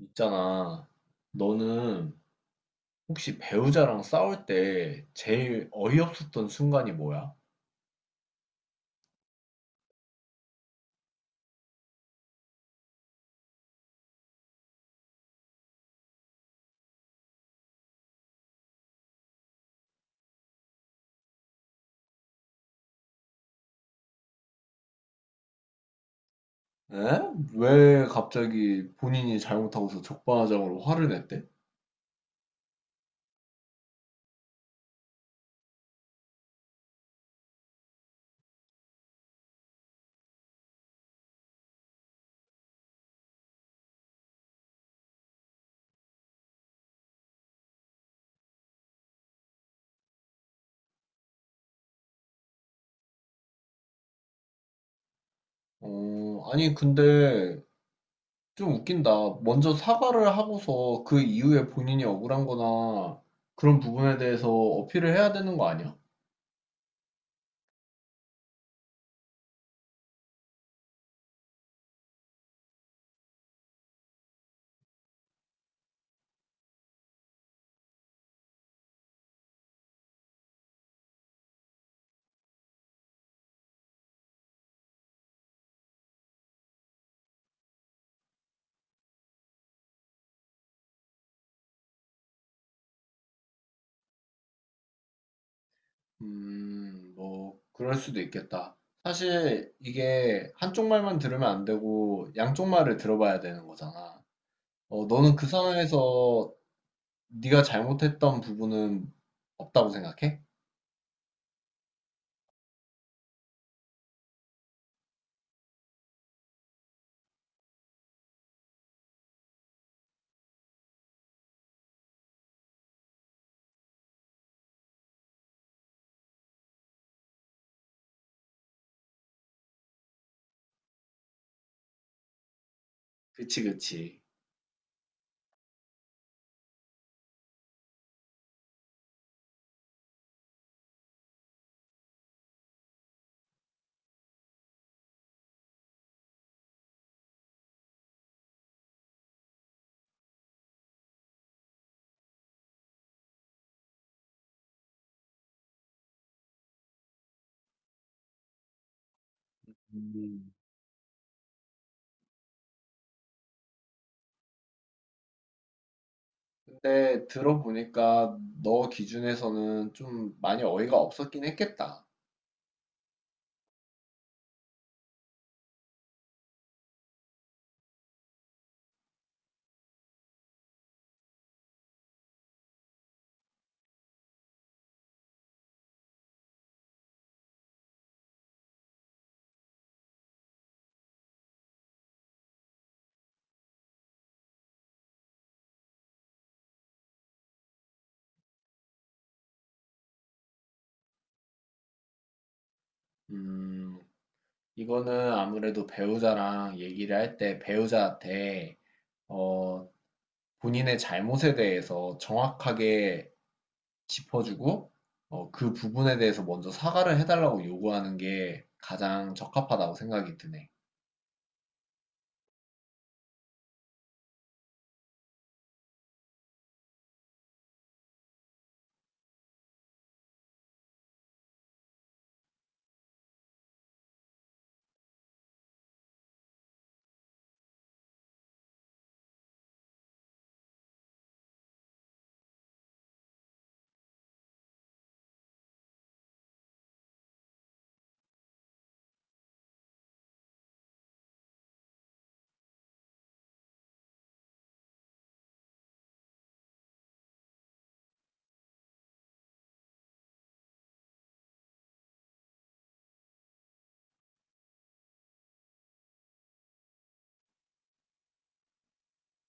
있잖아. 너는 혹시 배우자랑 싸울 때 제일 어이없었던 순간이 뭐야? 에? 왜 갑자기 본인이 잘못하고서 적반하장으로 화를 냈대? 아니, 근데 좀 웃긴다. 먼저 사과를 하고서 그 이후에 본인이 억울한 거나 그런 부분에 대해서 어필을 해야 되는 거 아니야? 뭐, 그럴 수도 있겠다. 사실 이게 한쪽 말만 들으면 안 되고 양쪽 말을 들어봐야 되는 거잖아. 어, 너는 그 상황에서 네가 잘못했던 부분은 없다고 생각해? 그치, 그치. 음. 근데 들어보니까 너 기준에서는 좀 많이 어이가 없었긴 했겠다. 음, 이거는 아무래도 배우자랑 얘기를 할 때 배우자한테 어, 본인의 잘못에 대해서 정확하게 짚어주고 어, 그 부분에 대해서 먼저 사과를 해달라고 요구하는 게 가장 적합하다고 생각이 드네.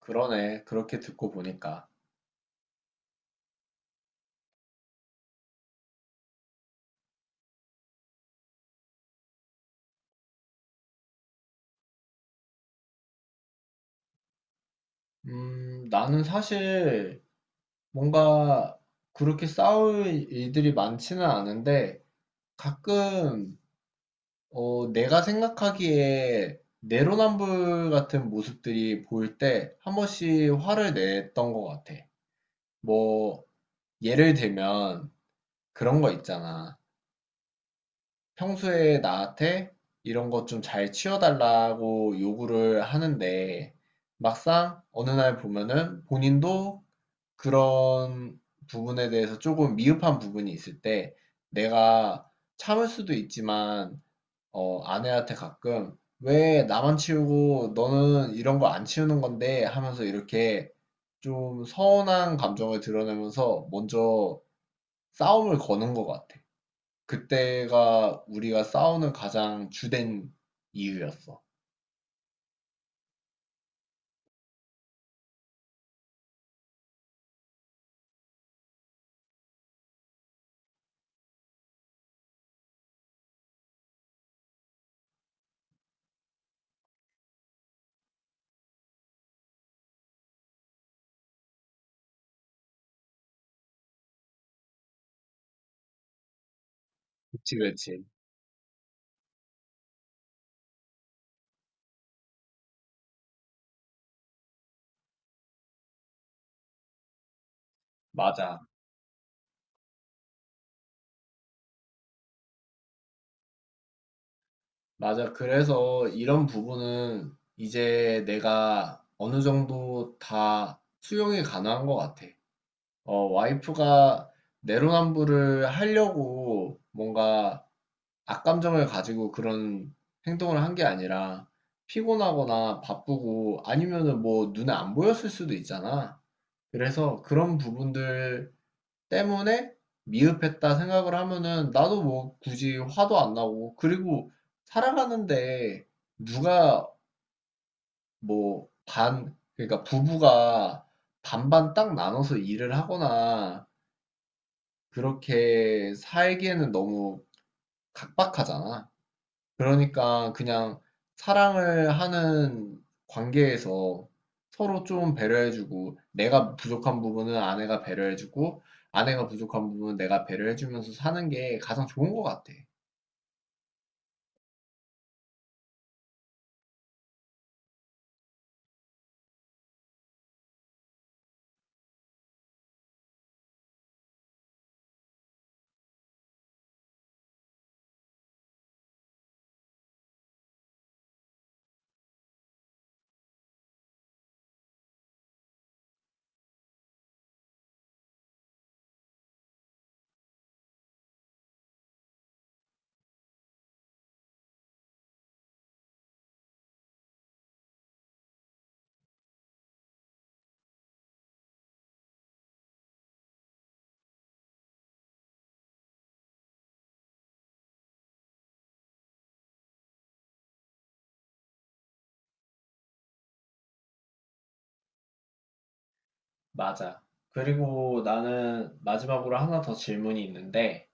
그러네. 그렇게 듣고 보니까. 나는 사실 뭔가 그렇게 싸울 일들이 많지는 않은데 가끔 어, 내가 생각하기에 내로남불 같은 모습들이 보일 때 한 번씩 화를 냈던 것 같아. 뭐, 예를 들면 그런 거 있잖아. 평소에 나한테 이런 것 좀 잘 치워달라고 요구를 하는데 막상 어느 날 보면은 본인도 그런 부분에 대해서 조금 미흡한 부분이 있을 때 내가 참을 수도 있지만 어, 아내한테 가끔 왜 나만 치우고 너는 이런 거 안 치우는 건데 하면서 이렇게 좀 서운한 감정을 드러내면서 먼저 싸움을 거는 것 같아. 그때가 우리가 싸우는 가장 주된 이유였어. 그치, 그치. 맞아. 맞아. 그래서 이런 부분은 이제 내가 어느 정도 다 수용이 가능한 것 같아. 어, 와이프가 내로남불을 하려고 뭔가 악감정을 가지고 그런 행동을 한게 아니라 피곤하거나 바쁘고 아니면은 뭐 눈에 안 보였을 수도 있잖아. 그래서 그런 부분들 때문에 미흡했다 생각을 하면은 나도 뭐 굳이 화도 안 나고 그리고 살아가는데 누가 뭐 반, 그러니까 부부가 반반 딱 나눠서 일을 하거나 그렇게 살기에는 너무 각박하잖아. 그러니까 그냥 사랑을 하는 관계에서 서로 좀 배려해주고 내가 부족한 부분은 아내가 배려해주고 아내가 부족한 부분은 내가 배려해주면서 사는 게 가장 좋은 것 같아. 맞아. 그리고 나는 마지막으로 하나 더 질문이 있는데,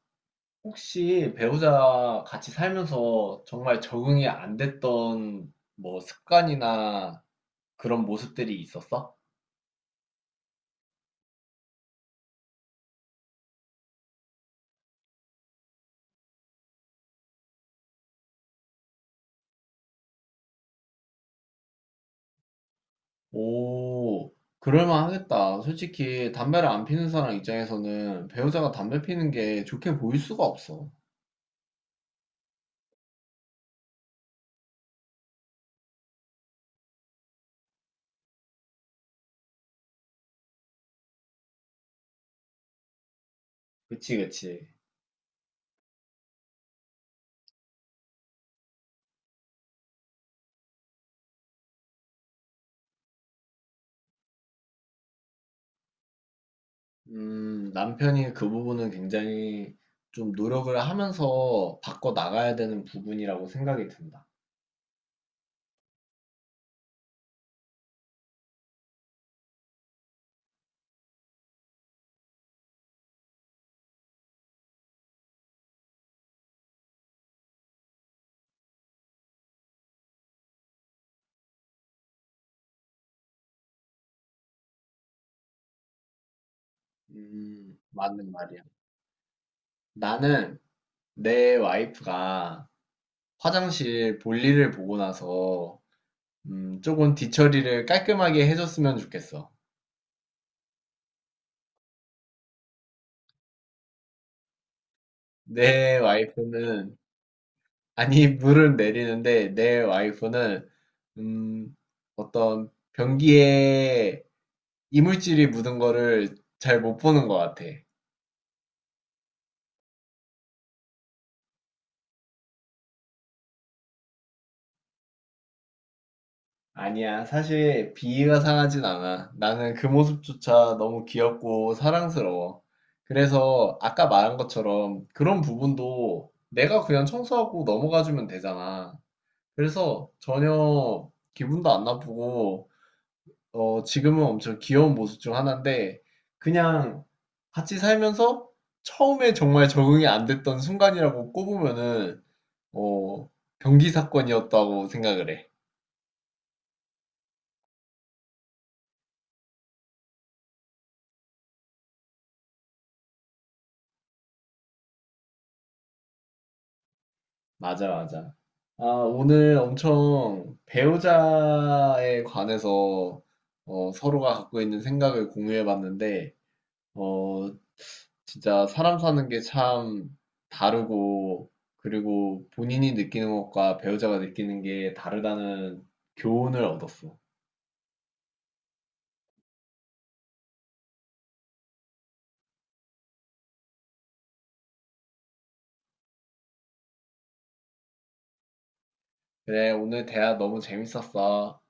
혹시 배우자 같이 살면서 정말 적응이 안 됐던 뭐 습관이나 그런 모습들이 있었어? 오, 그럴만 하겠다. 솔직히 담배를 안 피는 사람 입장에서는 배우자가 담배 피는 게 좋게 보일 수가 없어. 그치, 그치. 남편이 그 부분은 굉장히 좀 노력을 하면서 바꿔 나가야 되는 부분이라고 생각이 든다. 맞는 말이야. 나는 내 와이프가 화장실 볼일을 보고 나서 조금 뒤처리를 깔끔하게 해줬으면 좋겠어. 내 와이프는 아니, 물을 내리는데 내 와이프는 음, 어떤 변기에 이물질이 묻은 거를 잘 못 보는 것 같아. 아니야, 사실 비위가 상하진 않아. 나는 그 모습조차 너무 귀엽고 사랑스러워. 그래서 아까 말한 것처럼 그런 부분도 내가 그냥 청소하고 넘어가주면 되잖아. 그래서 전혀 기분도 안 나쁘고 어, 지금은 엄청 귀여운 모습 중 하나인데, 그냥 같이 살면서 처음에 정말 적응이 안 됐던 순간이라고 꼽으면은, 어, 변기 사건이었다고 생각을 해. 맞아, 맞아. 아, 오늘 엄청 배우자에 관해서 어, 서로가 갖고 있는 생각을 공유해 봤는데, 어, 진짜 사람 사는 게 참 다르고, 그리고 본인이 느끼는 것과 배우자가 느끼는 게 다르다는 교훈을 얻었어. 그래, 오늘 대화 너무 재밌었어.